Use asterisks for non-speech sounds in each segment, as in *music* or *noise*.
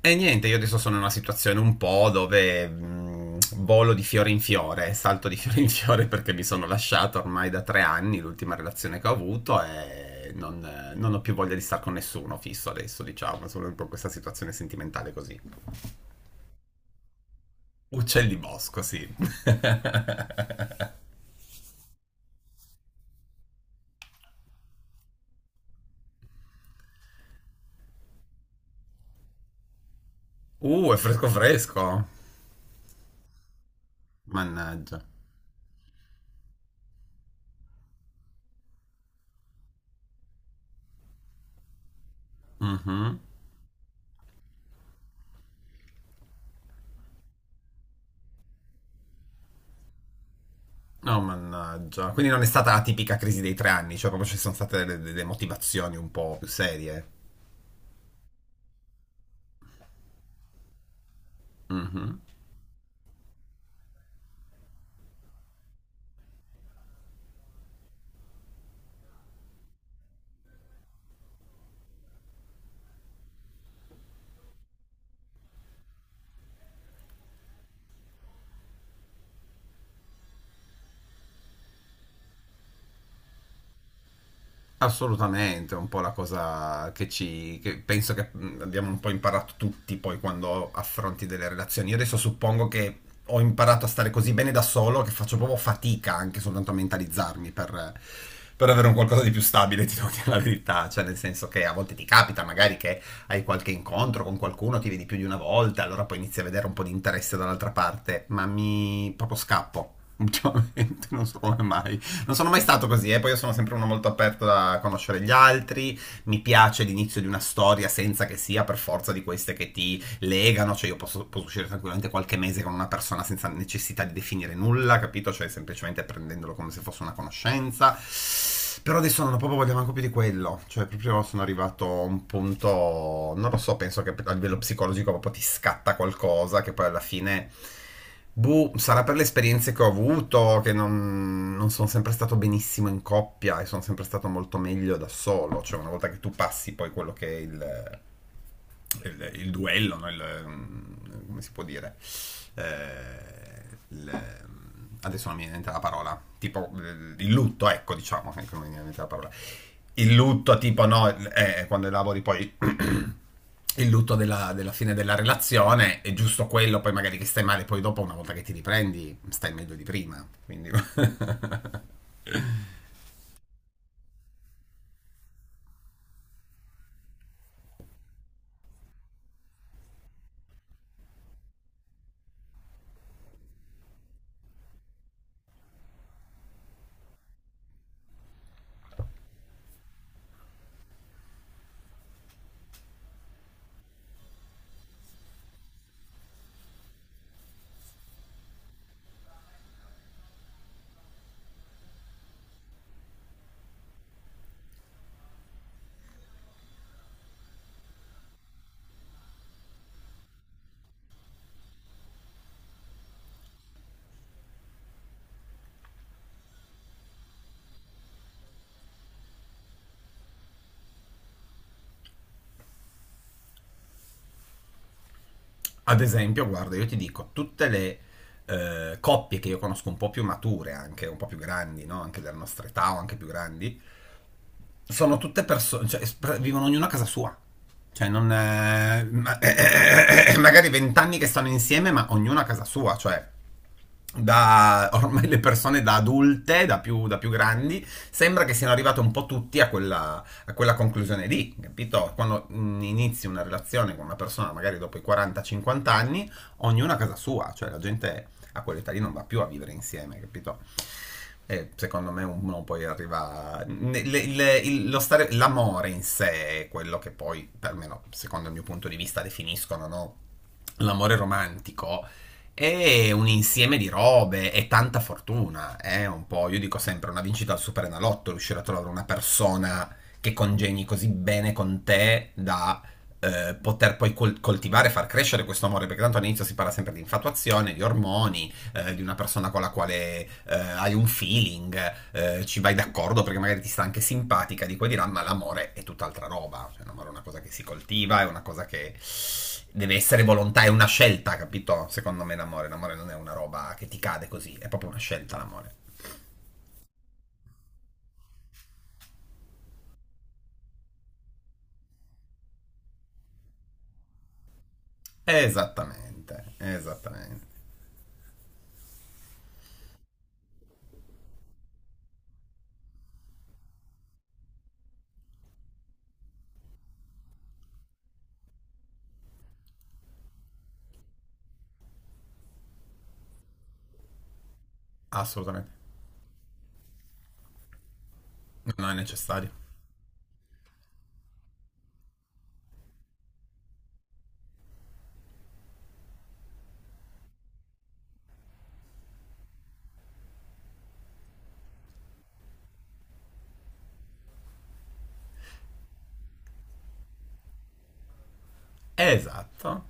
E niente, io adesso sono in una situazione un po' dove volo di fiore in fiore, salto di *laughs* fiore in fiore perché mi sono lasciato ormai da 3 anni, l'ultima relazione che ho avuto e non ho più voglia di stare con nessuno fisso adesso, diciamo, sono un po' in questa situazione sentimentale così. Uccelli bosco, sì. *laughs* È fresco fresco. Mannaggia. Mhm. No, mannaggia. Quindi non è stata la tipica crisi dei 3 anni, cioè proprio ci sono state delle motivazioni un po' più serie. Mhm. Assolutamente, è un po' la cosa che penso che abbiamo un po' imparato tutti poi quando affronti delle relazioni. Io adesso suppongo che ho imparato a stare così bene da solo che faccio proprio fatica anche soltanto a mentalizzarmi per avere un qualcosa di più stabile, *laughs* ti devo dire la verità. Cioè, nel senso che a volte ti capita magari che hai qualche incontro con qualcuno, ti vedi più di una volta, allora poi inizi a vedere un po' di interesse dall'altra parte, ma mi proprio scappo *laughs* ultimamente, non so come mai. Non sono mai stato così, eh. Poi io sono sempre uno molto aperto a conoscere gli altri. Mi piace l'inizio di una storia senza che sia per forza di queste che ti legano, cioè io posso uscire tranquillamente qualche mese con una persona senza necessità di definire nulla, capito? Cioè semplicemente prendendolo come se fosse una conoscenza. Però adesso non ho proprio voglia manco più di quello. Cioè, proprio sono arrivato a un punto. Non lo so, penso che a livello psicologico proprio ti scatta qualcosa che poi alla fine. Boh, sarà per le esperienze che ho avuto, che non sono sempre stato benissimo in coppia e sono sempre stato molto meglio da solo. Cioè, una volta che tu passi poi quello che è il duello, no? Come si può dire? Eh, il- adesso non mi viene in mente la parola, tipo il lutto, ecco, diciamo, ecco, non mi viene in mente la parola. Il lutto, tipo, no, quando elabori poi *clears throat* *coughs* il lutto della fine della relazione è giusto quello, poi magari che stai male, poi dopo una volta che ti riprendi stai meglio di prima, quindi. *laughs* Ad esempio, guarda, io ti dico, tutte le coppie che io conosco un po' più mature, anche un po' più grandi, no? Anche della nostra età o anche più grandi, sono tutte persone, cioè vivono ognuno a casa sua. Cioè, non, *coughs* *clears throat* magari 20 anni che stanno insieme, ma ognuno a casa sua, cioè da *laughs* ormai le persone da adulte, da più grandi, sembra che siano arrivate un po' tutti a quella conclusione lì, capito? Quando inizi una relazione con una persona, magari dopo i 40-50 anni, ognuno a casa sua, cioè la gente a quell'età lì non va più a vivere insieme, capito? E secondo me uno poi arriva... l'amore in sé è quello che poi, almeno secondo il mio punto di vista, definiscono, no? L'amore romantico è un insieme di robe e tanta fortuna. È un po', io dico sempre, una vincita al Superenalotto, riuscire a trovare una persona che congegni così bene con te da poter poi coltivare, far crescere questo amore, perché tanto all'inizio si parla sempre di infatuazione, di ormoni, di una persona con la quale hai un feeling, ci vai d'accordo perché magari ti sta anche simpatica di qua e di là, ma l'amore è tutt'altra roba. Cioè, l'amore è una cosa che si coltiva, è una cosa che deve essere volontà, è una scelta, capito? Secondo me l'amore non è una roba che ti cade così, è proprio una scelta l'amore. Esattamente, esattamente. Assolutamente. Non è necessario. Esatto.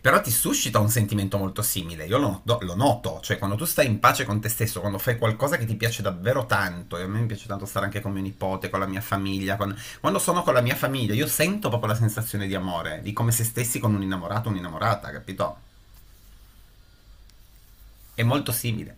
Però ti suscita un sentimento molto simile, io lo noto, cioè quando tu stai in pace con te stesso, quando fai qualcosa che ti piace davvero tanto, e a me mi piace tanto stare anche con mio nipote, con la mia famiglia, quando sono con la mia famiglia io sento proprio la sensazione di amore, di come se stessi con un innamorato o un'innamorata, capito? È molto simile.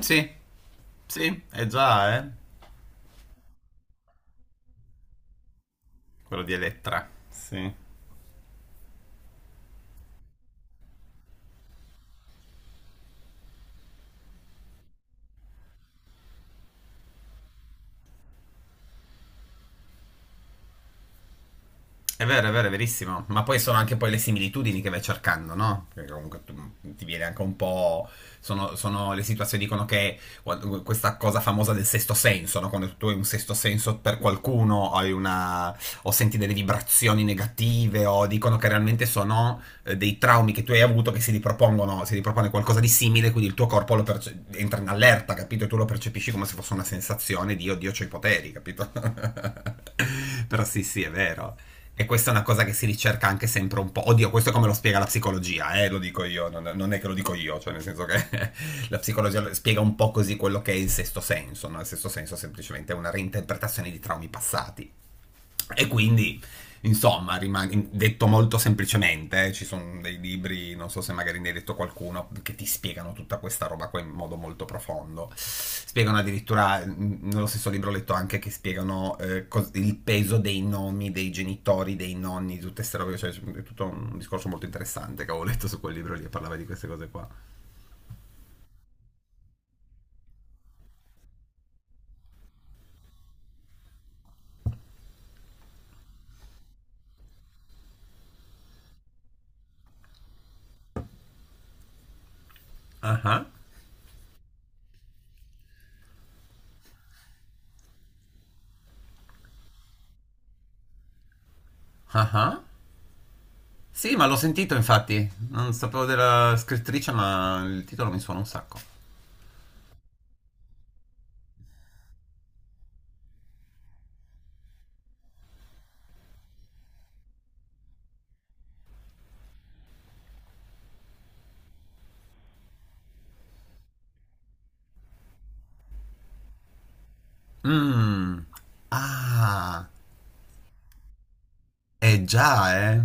Sì, sì, è già, eh? Quello di Elettra. Sì. È vero, è vero, è verissimo. Ma poi sono anche poi le similitudini che vai cercando, no? Perché comunque ti viene anche un po'. Sono le situazioni dicono che questa cosa famosa del sesto senso, no? Quando tu hai un sesto senso per qualcuno, hai una, o senti delle vibrazioni negative, o dicono che realmente sono dei traumi che tu hai avuto che si ripropongono, si ripropone qualcosa di simile, quindi il tuo corpo entra in allerta, capito? E tu lo percepisci come se fosse una sensazione di oddio, c'ho i poteri, capito? *laughs* Però sì, sì, è vero. E questa è una cosa che si ricerca anche sempre un po'. Oddio, questo è come lo spiega la psicologia, lo dico io, non è che lo dico io, cioè nel senso che *laughs* la psicologia spiega un po' così quello che è il sesto senso, no? Il sesto senso semplicemente è una reinterpretazione di traumi passati. E quindi, insomma, detto molto semplicemente, ci sono dei libri, non so se magari ne hai detto qualcuno, che ti spiegano tutta questa roba qua in modo molto profondo. Spiegano addirittura, nello stesso libro ho letto anche che spiegano il peso dei nomi, dei genitori, dei nonni, di tutte queste robe, cioè è tutto un discorso molto interessante che avevo letto su quel libro lì e parlava di queste cose qua. Ah ah, ah ah. Sì, ma l'ho sentito infatti, non sapevo della scrittrice, ma il titolo mi suona un sacco. Mmm. Ah, eh già, eh.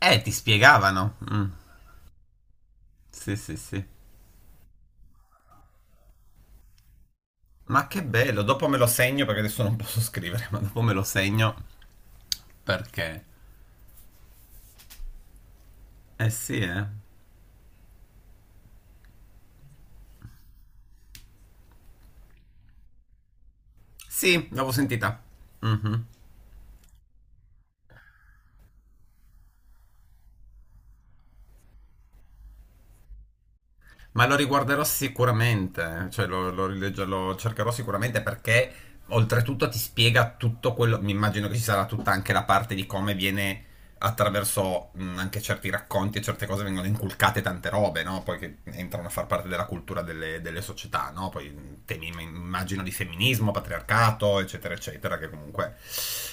Ti spiegavano. Mm. Sì, sì, sì. Ma che bello, dopo me lo segno perché adesso non posso scrivere, ma dopo me lo segno perché. Sì, eh. Sì, l'avevo sentita. Mhm. Ma lo riguarderò sicuramente, cioè lo cercherò sicuramente perché oltretutto ti spiega tutto quello, mi immagino che ci sarà tutta anche la parte di come viene attraverso anche certi racconti e certe cose vengono inculcate tante robe, no? Poi che entrano a far parte della cultura delle società, no? Poi temi, immagino, di femminismo, patriarcato, eccetera, eccetera, che comunque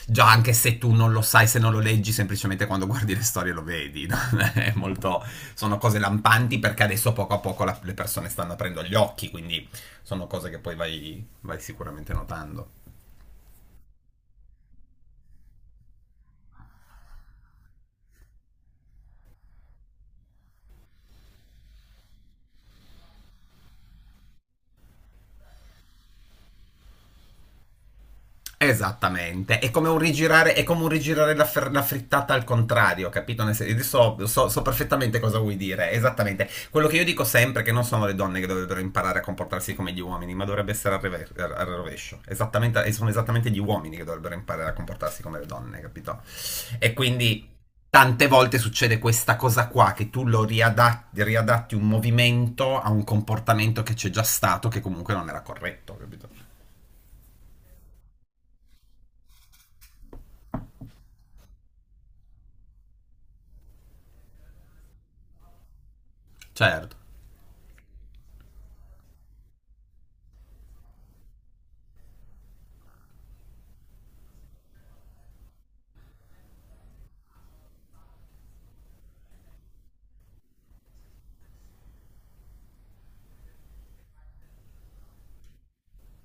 già anche se tu non lo sai, se non lo leggi, semplicemente quando guardi le storie lo vedi, no? *laughs* È molto Sono cose lampanti perché adesso poco a poco le persone stanno aprendo gli occhi, quindi sono cose che poi vai sicuramente notando. Esattamente, è come un rigirare la frittata al contrario, capito? Nel senso, so perfettamente cosa vuoi dire, esattamente. Quello che io dico sempre è che non sono le donne che dovrebbero imparare a comportarsi come gli uomini, ma dovrebbe essere al rovescio. Esattamente, sono esattamente gli uomini che dovrebbero imparare a comportarsi come le donne, capito? E quindi tante volte succede questa cosa qua, che tu lo riadatti un movimento a un comportamento che c'è già stato, che comunque non era corretto, capito? Certo,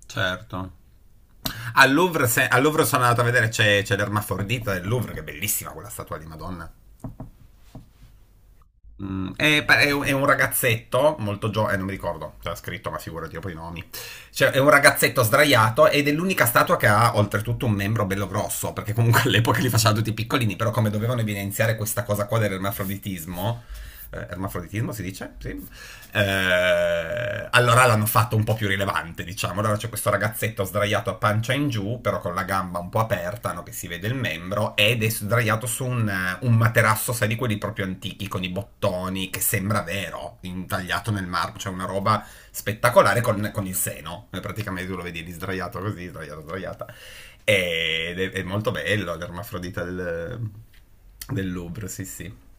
certo. Al Louvre, se- al Louvre sono andato a vedere, c'è l'ermafrodita del Louvre, che è bellissima quella statua di Madonna. È un ragazzetto molto giovane, non mi ricordo, c'era scritto, ma figurati dopo i nomi. Cioè, è un ragazzetto sdraiato ed è l'unica statua che ha oltretutto un membro bello grosso, perché comunque all'epoca li facevano tutti piccolini, però come dovevano evidenziare questa cosa qua dell'ermafroditismo, ermafroditismo si dice? Sì, allora l'hanno fatto un po' più rilevante, diciamo. Allora c'è questo ragazzetto sdraiato a pancia in giù, però con la gamba un po' aperta, no, che si vede il membro, ed è sdraiato su un materasso, sai, di quelli proprio antichi, con i bottoni, che sembra vero, intagliato nel marmo, cioè una roba spettacolare con il seno. Praticamente tu lo vedi lì sdraiato così, sdraiato, sdraiata. Ed è molto bello l'ermafrodita del Louvre, sì sì.